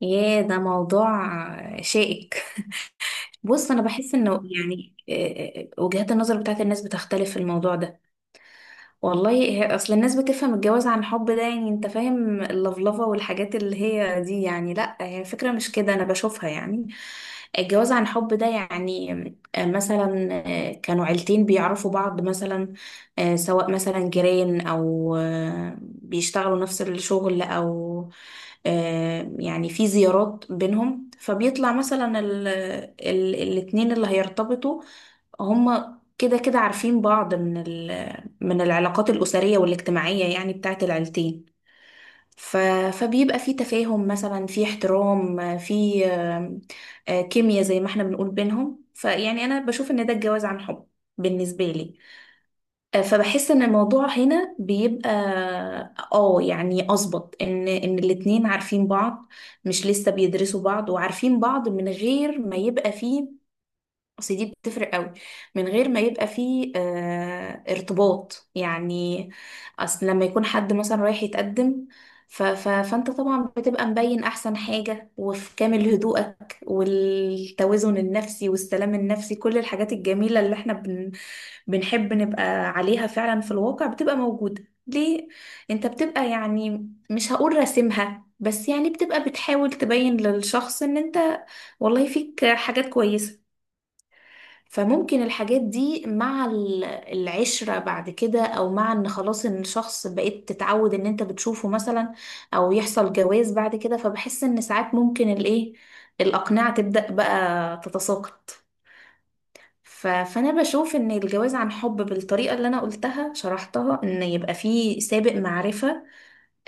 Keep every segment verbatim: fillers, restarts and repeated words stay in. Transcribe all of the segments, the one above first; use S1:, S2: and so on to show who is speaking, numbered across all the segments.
S1: ياه ده موضوع شائك. بص انا بحس انه يعني آه، آه، وجهات النظر بتاعت الناس بتختلف في الموضوع ده. والله هي اصل الناس بتفهم الجواز عن حب ده، يعني انت فاهم اللفلفه والحاجات اللي هي دي، يعني لا هي فكره مش كده انا بشوفها. يعني الجواز عن حب ده يعني آه، مثلا آه، كانوا عيلتين بيعرفوا بعض مثلا، آه، سواء مثلا جيران او آه، بيشتغلوا نفس الشغل، او آه، يعني في زيارات بينهم، فبيطلع مثلا ال ال الاتنين اللي هيرتبطوا هما كده كده عارفين بعض من من العلاقات الأسرية والاجتماعية يعني بتاعت العيلتين. ف... فبيبقى في تفاهم، مثلا في احترام، في آم، آه، كيمياء زي ما احنا بنقول بينهم. فيعني أنا بشوف إن ده الجواز عن حب بالنسبة لي. آه، فبحس إن الموضوع هنا بيبقى، اه يعني، أظبط إن إن الاتنين عارفين بعض، مش لسه بيدرسوا بعض وعارفين بعض من غير ما يبقى فيه، اصل دي بتفرق قوي، من غير ما يبقى فيه آه ارتباط يعني. اصل لما يكون حد مثلا رايح يتقدم، ف ف فانت طبعا بتبقى مبين احسن حاجة، وفي كامل هدوءك والتوازن النفسي والسلام النفسي، كل الحاجات الجميلة اللي احنا بن بنحب نبقى عليها، فعلا في الواقع بتبقى موجودة ليه. انت بتبقى يعني، مش هقول راسمها، بس يعني بتبقى بتحاول تبين للشخص ان انت والله فيك حاجات كويسة. فممكن الحاجات دي مع ال- العشرة بعد كده، او مع ان خلاص ان الشخص بقيت تتعود ان انت بتشوفه مثلا، او يحصل جواز بعد كده، فبحس ان ساعات ممكن الايه، الاقنعة تبدأ بقى تتساقط. ف- فانا بشوف ان الجواز عن حب بالطريقة اللي انا قلتها شرحتها، ان يبقى فيه سابق معرفة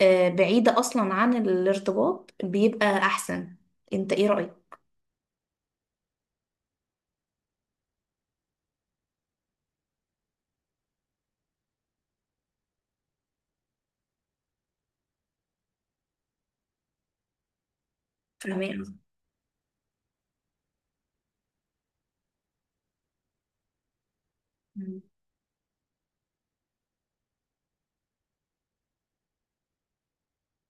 S1: آه، بعيدة اصلا عن الارتباط، بيبقى احسن. انت ايه رأيك؟ فاهمين.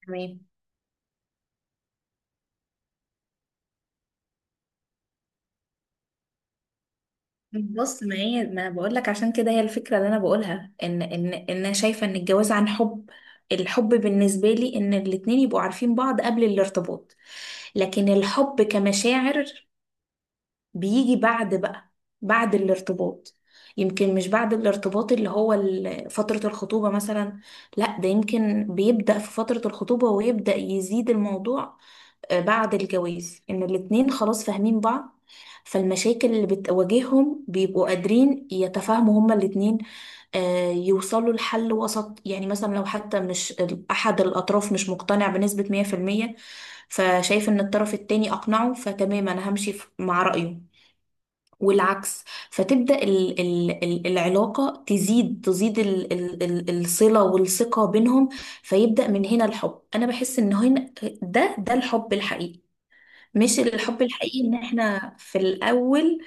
S1: تمام. بص، ما هي ما انا بقول لك، عشان كده هي الفكره اللي انا بقولها ان ان ان انا شايفه ان الجواز عن حب، الحب بالنسبه لي ان الاتنين يبقوا عارفين بعض قبل الارتباط. لكن الحب كمشاعر بيجي بعد بقى، بعد الارتباط. يمكن مش بعد الارتباط، اللي هو ال- فتره الخطوبه مثلا، لا ده يمكن بيبدا في فتره الخطوبه ويبدا يزيد الموضوع آه، بعد الجواز، ان الاتنين خلاص فاهمين بعض. فالمشاكل اللي بتواجههم بيبقوا قادرين يتفاهموا هما الاتنين، آه، يوصلوا لحل وسط، يعني مثلا لو حتى مش ال- احد الاطراف مش مقتنع بنسبة مية في المية، فشايف ان الطرف التاني اقنعه فتمام، انا همشي ف- مع رأيه، والعكس. فتبدأ ال ال ال العلاقة تزيد تزيد ال ال ال الصلة والثقة بينهم. فيبدأ من هنا الحب، أنا بحس إن هنا ده ده الحب الحقيقي، مش الحب الحقيقي ان احنا في الاول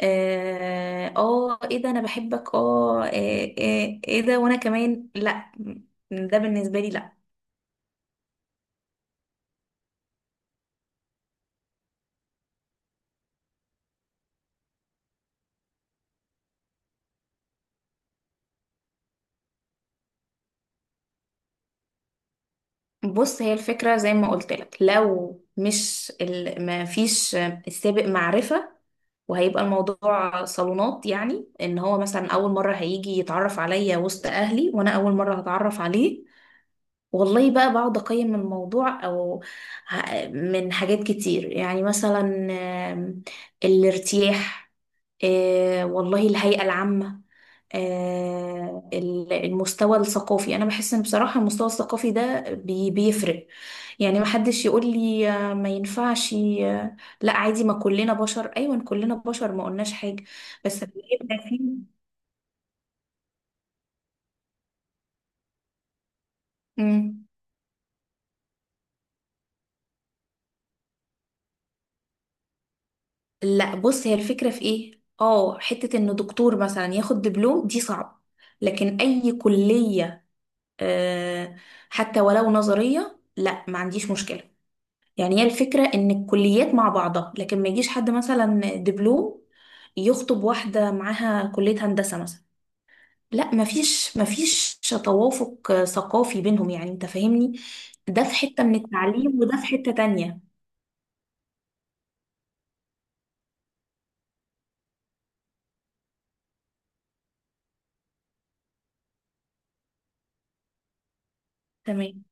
S1: اه آه، ايه ده انا بحبك، اه آه، آه، ايه ده وانا كمان، لا. ده بالنسبة لي لا. بص هي الفكرة زي ما قلت لك، لو مش ال... ما فيش السابق معرفة، وهيبقى الموضوع صالونات، يعني ان هو مثلا اول مرة هيجي يتعرف عليا وسط اهلي وانا اول مرة هتعرف عليه. والله بقى بقعد أقيم الموضوع أو ه- من حاجات كتير، يعني مثلا آم، الارتياح، آه، والله الهيئة العامة، آه، ال- المستوى الثقافي. أنا بحس إن بصراحة المستوى الثقافي ده بي- بيفرق. يعني محدش يقول لي آه، ما ينفعش آه، لا عادي، ما كلنا بشر، أيوة كلنا بشر، ما قلناش حاجة، بس بيبقى فيه. مم. لا بص، هي الفكرة في ايه، اه حتة ان دكتور مثلا ياخد دبلوم دي صعب، لكن اي كلية، آه حتى ولو نظرية، لا ما عنديش مشكلة. يعني هي الفكرة ان الكليات مع بعضها، لكن ما يجيش حد مثلا دبلوم يخطب واحدة معاها كلية هندسة مثلا، لا ما فيش، ما فيش توافق آه، ثقافي بينهم، يعني انت فاهمني. ده في حتة من التعليم وده في حتة تانية. تمام.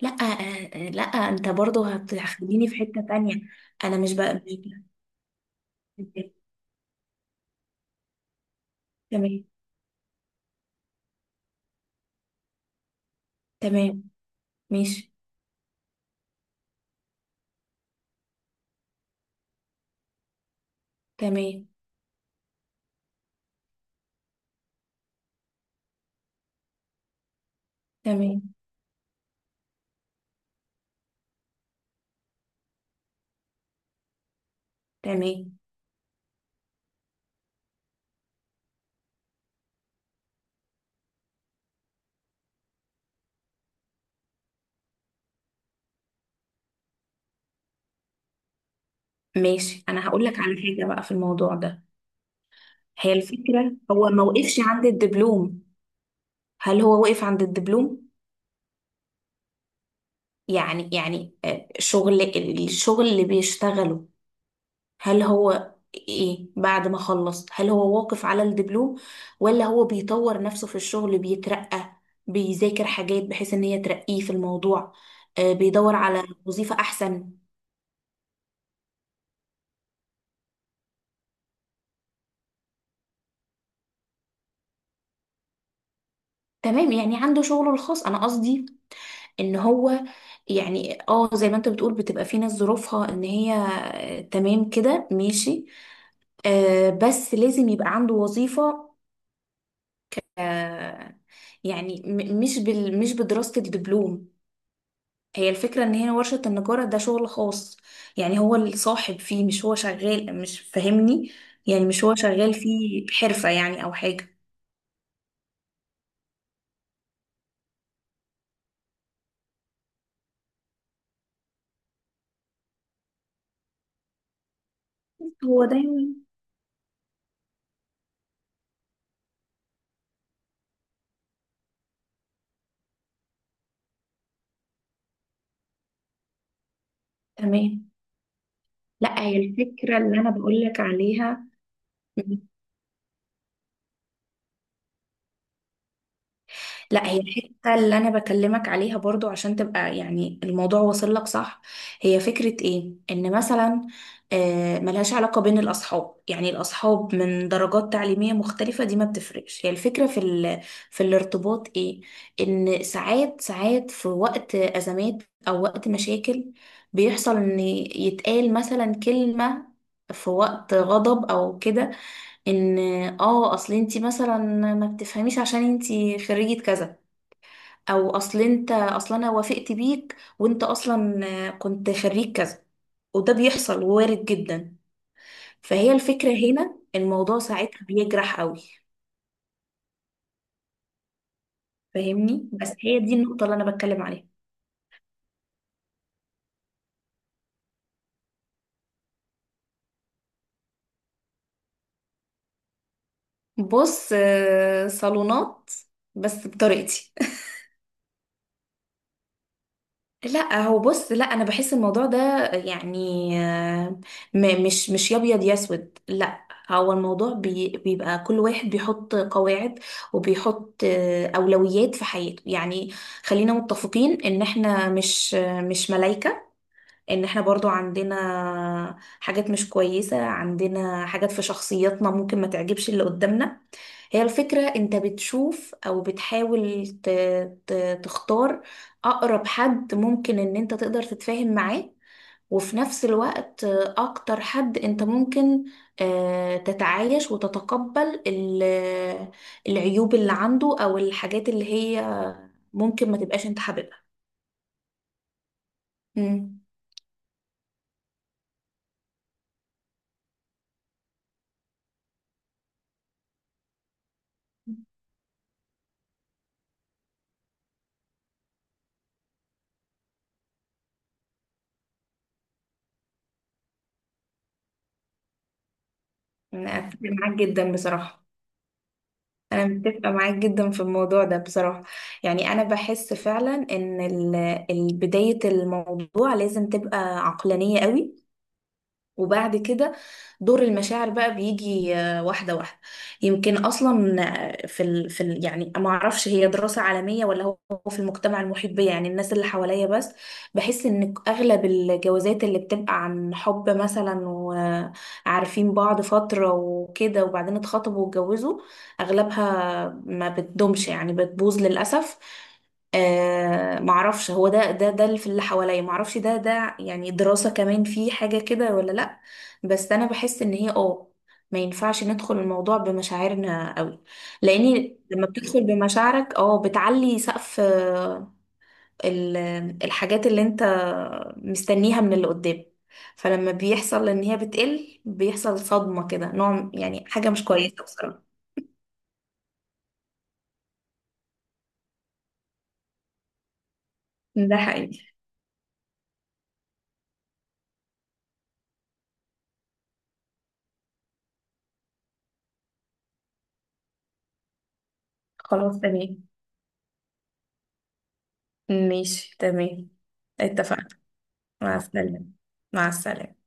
S1: لا آه، آه، لا انت برضو هتخليني في حتة تانية. انا مش بقى. تمام. تمام. ماشي. تمام. تمام. تمام. ماشي، انا هقول لك على حاجة بقى في الموضوع ده. هي الفكرة هو ما وقفش عند الدبلوم، هل هو وقف عند الدبلوم؟ يعني يعني آه، شغل، الشغل اللي بيشتغله، هل هو ايه بعد ما خلص، هل هو واقف على الدبلوم، ولا هو بيطور نفسه في الشغل، بيترقى، بيذاكر حاجات بحيث ان هي ترقيه في الموضوع، آه بيدور على وظيفة احسن. تمام، يعني عنده شغله الخاص، انا قصدي ان هو يعني اه زي ما انت بتقول بتبقى في ناس ظروفها ان هي آه، تمام كده ماشي، آه بس لازم يبقى عنده وظيفة. آه يعني م- مش بال مش بدراسة الدبلوم. هي الفكرة ان هي ورشة النجارة ده شغل خاص، يعني هو الصاحب فيه، مش هو شغال، مش فاهمني؟ يعني مش هو شغال فيه حرفة يعني او حاجة. هو دايما. تمام. لا هي الفكرة اللي انا بقولك عليها. لا هي الحتة اللي أنا بكلمك عليها برضو، عشان تبقى يعني الموضوع واصل لك صح. هي فكرة إيه؟ إن مثلا، آه، ملهاش علاقة بين الأصحاب، يعني الأصحاب من درجات تعليمية مختلفة دي ما بتفرقش. هي الفكرة في ال... في الارتباط إيه؟ إن ساعات ساعات في وقت أزمات أو وقت مشاكل، بيحصل إن يتقال مثلا كلمة في وقت غضب او كده، ان اه اصل انتي مثلا ما بتفهميش عشان انتي خريجة كذا، او اصل انت اصلا انا وافقت بيك وانت اصلا آه، كنت خريج كذا. وده بيحصل، وارد جدا. فهي الفكرة هنا الموضوع ساعتها بيجرح قوي. فاهمني؟ بس هي دي النقطة اللي انا بتكلم عليها. بص، آه، صالونات، بس بطريقتي. لا هو بص، لا انا بحس الموضوع ده يعني آه، م- مش مش يا ابيض يا اسود، لا. هو الموضوع بي بيبقى كل واحد بيحط قواعد، وبيحط آه، اولويات في حياته. يعني خلينا متفقين ان احنا مش آه، مش ملايكة، ان احنا برضو عندنا حاجات مش كويسة، عندنا حاجات في شخصياتنا ممكن ما تعجبش اللي قدامنا. هي الفكرة انت بتشوف او بتحاول ت- ت- تختار اقرب حد ممكن ان انت تقدر تتفاهم معاه، وفي نفس الوقت آه، اكتر حد انت ممكن آه، تتعايش وتتقبل ال- العيوب اللي عنده، او الحاجات اللي هي ممكن ما تبقاش انت حاببها. مم. انا اتفق معاك جدا بصراحة. انا متفقه معاك جدا في الموضوع ده بصراحه. يعني انا بحس فعلا ان ال- ال- بدايه الموضوع لازم تبقى عقلانيه قوي، وبعد كده دور المشاعر بقى بيجي آه، واحدة واحدة. يمكن أصلا آه، في ال... في ال... يعني ما أعرفش، هي دراسة عالمية ولا هو هو في المجتمع المحيط بيا، يعني الناس اللي حواليا بس، بحس إن أغلب الجوازات اللي بتبقى عن حب مثلا، وعارفين بعض فترة وكده، وبعدين اتخطبوا واتجوزوا، أغلبها ما بتدومش، يعني بتبوظ للأسف. آه معرفش هو ده ده ده اللي في اللي حواليا، معرفش ده ده يعني دراسة كمان في حاجة كده ولا لأ. بس أنا بحس إن هي اه ما ينفعش ندخل الموضوع بمشاعرنا قوي. لأني لما بتدخل بمشاعرك اه بتعلي سقف آه، ال- الحاجات اللي انت مستنيها من اللي قدام. فلما بيحصل إن هي بتقل، بيحصل صدمة كده، نوع يعني حاجة مش كويسة بصراحة. ده حقيقي. خلاص تمام. ماشي تمام. اتفقنا. مع السلامة. مع السلامة.